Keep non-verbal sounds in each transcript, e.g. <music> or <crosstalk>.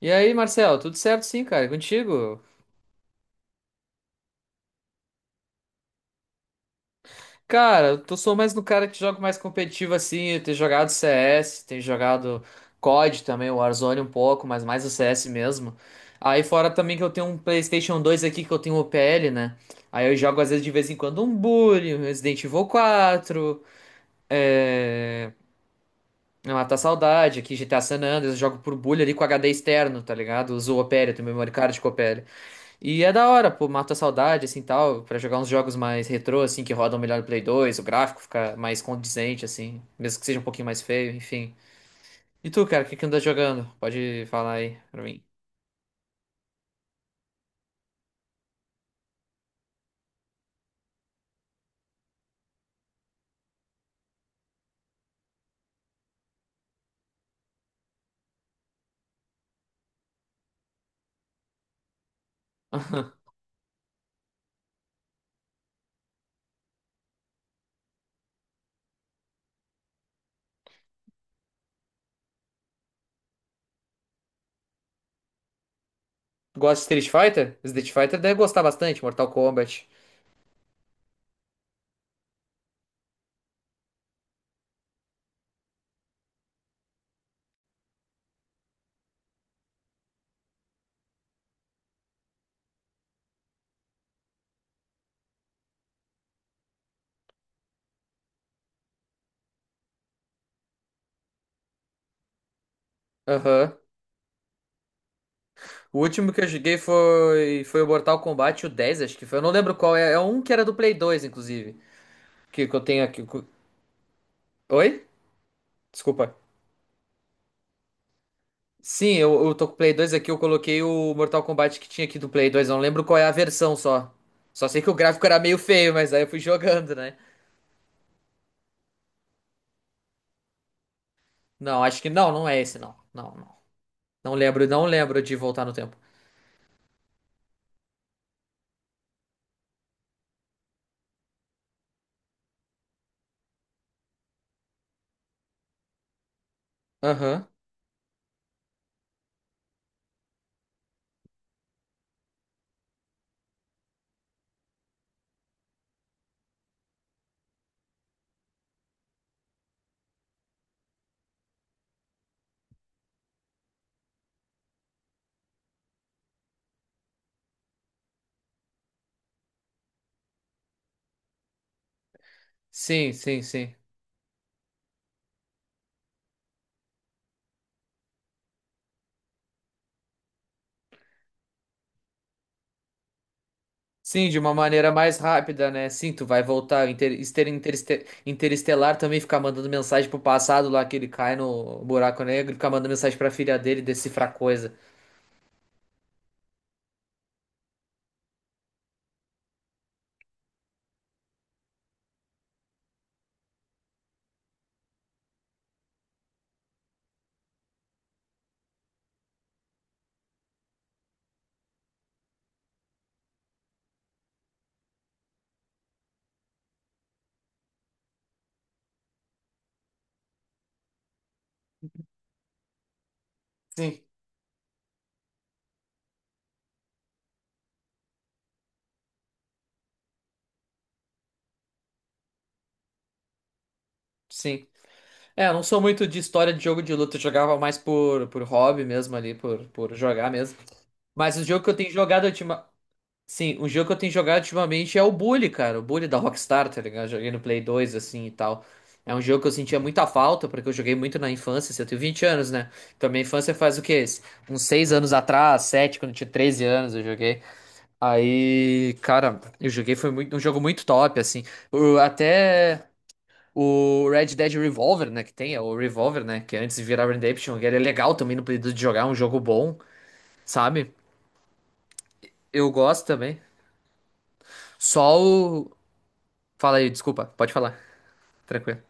E aí, Marcelo, tudo certo sim, cara? E contigo? Cara, eu tô, sou mais no cara que joga mais competitivo assim. Eu tenho jogado CS, tenho jogado COD também, o Warzone um pouco, mas mais o CS mesmo. Aí fora também que eu tenho um PlayStation dois aqui que eu tenho o P L, né? Aí eu jogo às vezes de vez em quando um Bully, um Resident Evil quatro, é... é matar a saudade, aqui GTA San Andreas, eu jogo por Bully ali com HD externo, tá ligado? Uso o Opera, tenho memória card com o... E é da hora, pô, mata a saudade, assim, tal, pra jogar uns jogos mais retrô, assim, que rodam melhor no Play dois, o gráfico fica mais condizente, assim, mesmo que seja um pouquinho mais feio, enfim. E tu, cara, o que que anda jogando? Pode falar aí pra mim. <laughs> Gosta de Street Fighter? Street Fighter deve gostar bastante, Mortal Kombat. Aham. O último que eu joguei foi, foi o Mortal Kombat, o dez, acho que foi. Eu não lembro qual é. É um que era do Play dois, inclusive. Que eu tenho aqui. Oi? Desculpa. Sim, eu tô com o Play dois aqui, eu coloquei o Mortal Kombat que tinha aqui do Play dois, eu não lembro qual é a versão só. Só sei que o gráfico era meio feio, mas aí eu fui <laughs> jogando, né? Não, acho que não, não é esse não. Não, não. Não lembro, não lembro de voltar no tempo. Aham. Sim, sim, sim. Sim, de uma maneira mais rápida, né? Sim, tu vai voltar. Interestelar também, ficar mandando mensagem pro passado lá, que ele cai no buraco negro, ficar mandando mensagem pra filha dele decifrar coisa. Sim, sim. É, eu não sou muito de história de jogo de luta, eu jogava mais por hobby mesmo ali, por jogar mesmo. Mas o jogo que eu tenho jogado ultima... Sim, o jogo que eu tenho jogado ultimamente é o Bully, cara. O Bully da Rockstar, tá ligado? Eu joguei no Play 2, assim, e tal. É um jogo que eu sentia muita falta, porque eu joguei muito na infância, assim, eu tenho 20 anos, né? Então minha infância faz o quê? Uns 6 anos atrás, 7, quando eu tinha 13 anos eu joguei. Aí, cara, eu joguei, foi muito, um jogo muito top, assim. Eu até... O Red Dead Revolver, né, que tem, é o Revolver, né, que antes de virar Redemption, que ele é legal também no período de jogar, é um jogo bom, sabe? Eu gosto também. Só o... Fala aí, desculpa, pode falar, tranquilo.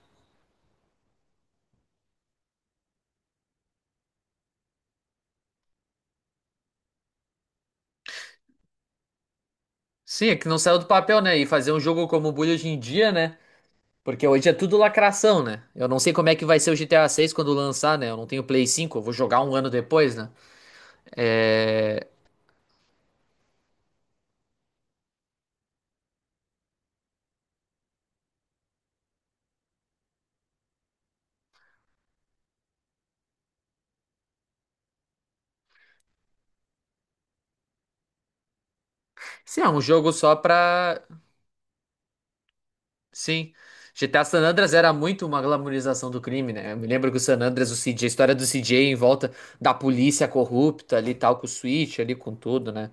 Sim, é que não saiu do papel, né, e fazer um jogo como o Bully hoje em dia, né, porque hoje é tudo lacração, né? Eu não sei como é que vai ser o GTA 6 quando lançar, né, eu não tenho Play 5, eu vou jogar um ano depois, né? É... Sim, é um jogo só pra... Sim. GTA San Andreas era muito uma glamorização do crime, né? Eu me lembro que o San Andreas, o CJ, a história do CJ em volta da polícia corrupta ali, e tal, com o Switch ali, com tudo, né?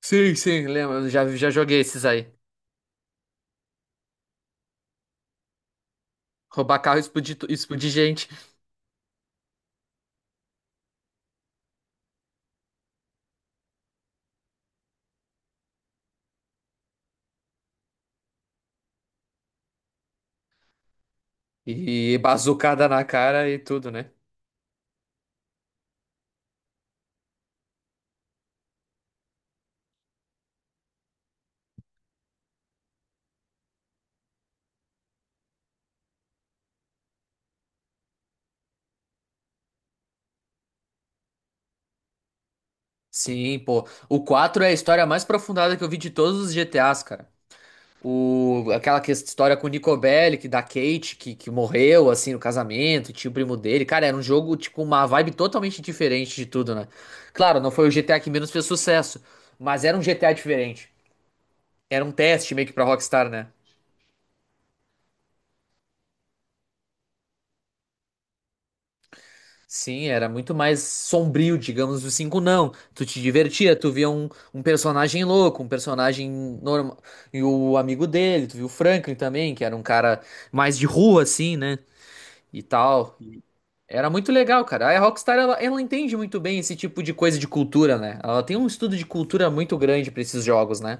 Sim, sim, lembro. Eu já, já joguei esses aí. Roubar carro, e explodir, explodir gente. E bazucada na cara e tudo, né? Sim, pô. O 4 é a história mais aprofundada que eu vi de todos os GTAs, cara. O, aquela história com o Nico Bellic, da Kate, que morreu, assim, no casamento, e tinha o primo dele. Cara, era um jogo, tipo, uma vibe totalmente diferente de tudo, né? Claro, não foi o GTA que menos fez sucesso, mas era um GTA diferente. Era um teste meio que pra Rockstar, né? Sim, era muito mais sombrio, digamos, o 5 não. Tu te divertia, tu via um, um personagem louco, um personagem normal. E o amigo dele, tu viu o Franklin também, que era um cara mais de rua, assim, né? E tal. Era muito legal, cara. A Rockstar, ela entende muito bem esse tipo de coisa de cultura, né? Ela tem um estudo de cultura muito grande pra esses jogos, né?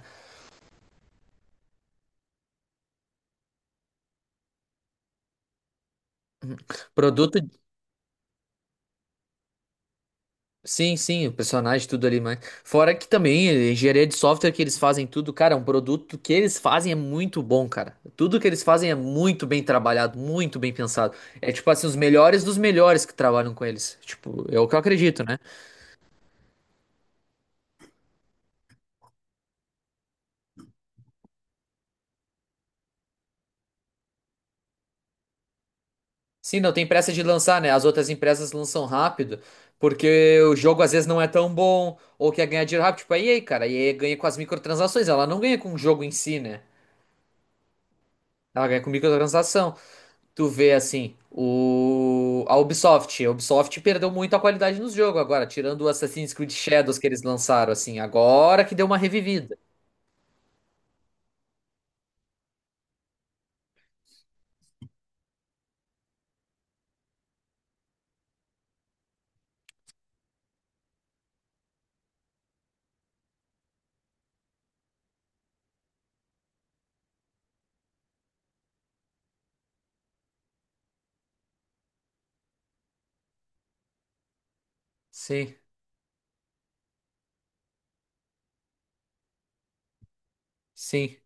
Produto, sim, sim, o personagem, tudo ali, mas fora que também a engenharia de software que eles fazem tudo, cara, é um produto que eles fazem é muito bom, cara. Tudo que eles fazem é muito bem trabalhado, muito bem pensado. É tipo assim, os melhores dos melhores que trabalham com eles. Tipo, é o que eu acredito, né? Sim, não tem pressa de lançar, né? As outras empresas lançam rápido, porque o jogo às vezes não é tão bom, ou quer ganhar dinheiro rápido. Tipo, a EA, cara, a EA ganha com as microtransações, ela não ganha com o jogo em si, né? Ela ganha com microtransação. Tu vê, assim, o... a Ubisoft. A Ubisoft perdeu muito a qualidade nos jogos agora, tirando o Assassin's Creed Shadows que eles lançaram, assim, agora que deu uma revivida. Sim, sim,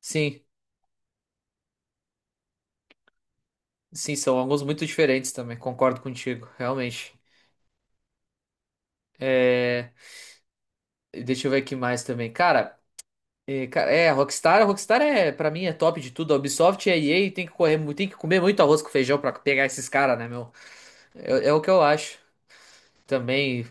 sim, sim, são alguns muito diferentes também, concordo contigo, realmente. Deixa eu ver aqui mais também. Cara. É cara, é, a Rockstar é, pra mim, é top de tudo. A Ubisoft e a EA tem que correr, tem que comer muito arroz com feijão pra pegar esses caras, né, meu? É, é o que eu acho. Também,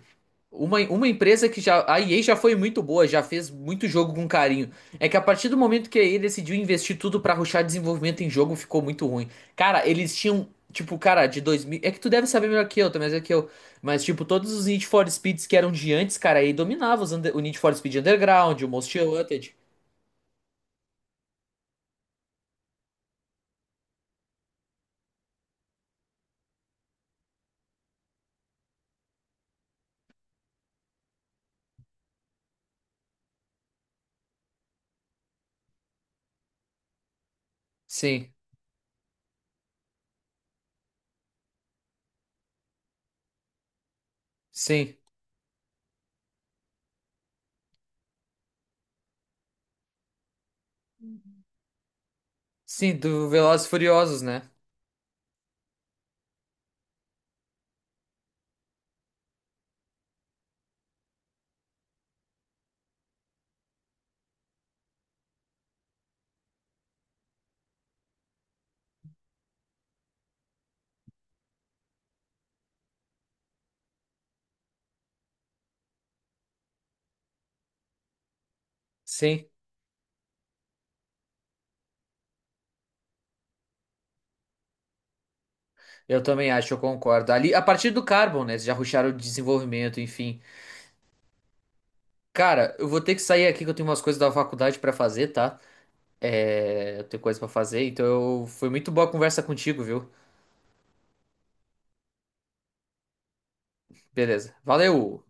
uma empresa que já, a EA já foi muito boa, já fez muito jogo com carinho. É que a partir do momento que a EA decidiu investir tudo pra rushar desenvolvimento em jogo, ficou muito ruim. Cara, eles tinham, tipo, cara, de 2000. É que tu deve saber melhor que eu, também, é que eu, mas, tipo, todos os Need for Speeds que eram de antes, cara, a EA dominava os o Need for Speed Underground, o Most Wanted. Sim, sim. Sim, do Velozes e Furiosos, né? Sim, eu também acho, eu concordo. Ali, a partir do Carbon, né? Eles já rusharam o desenvolvimento, enfim. Cara, eu vou ter que sair aqui que eu tenho umas coisas da faculdade pra fazer, tá? É, eu tenho coisa pra fazer, então eu... foi muito boa a conversa contigo, viu? Beleza. Valeu!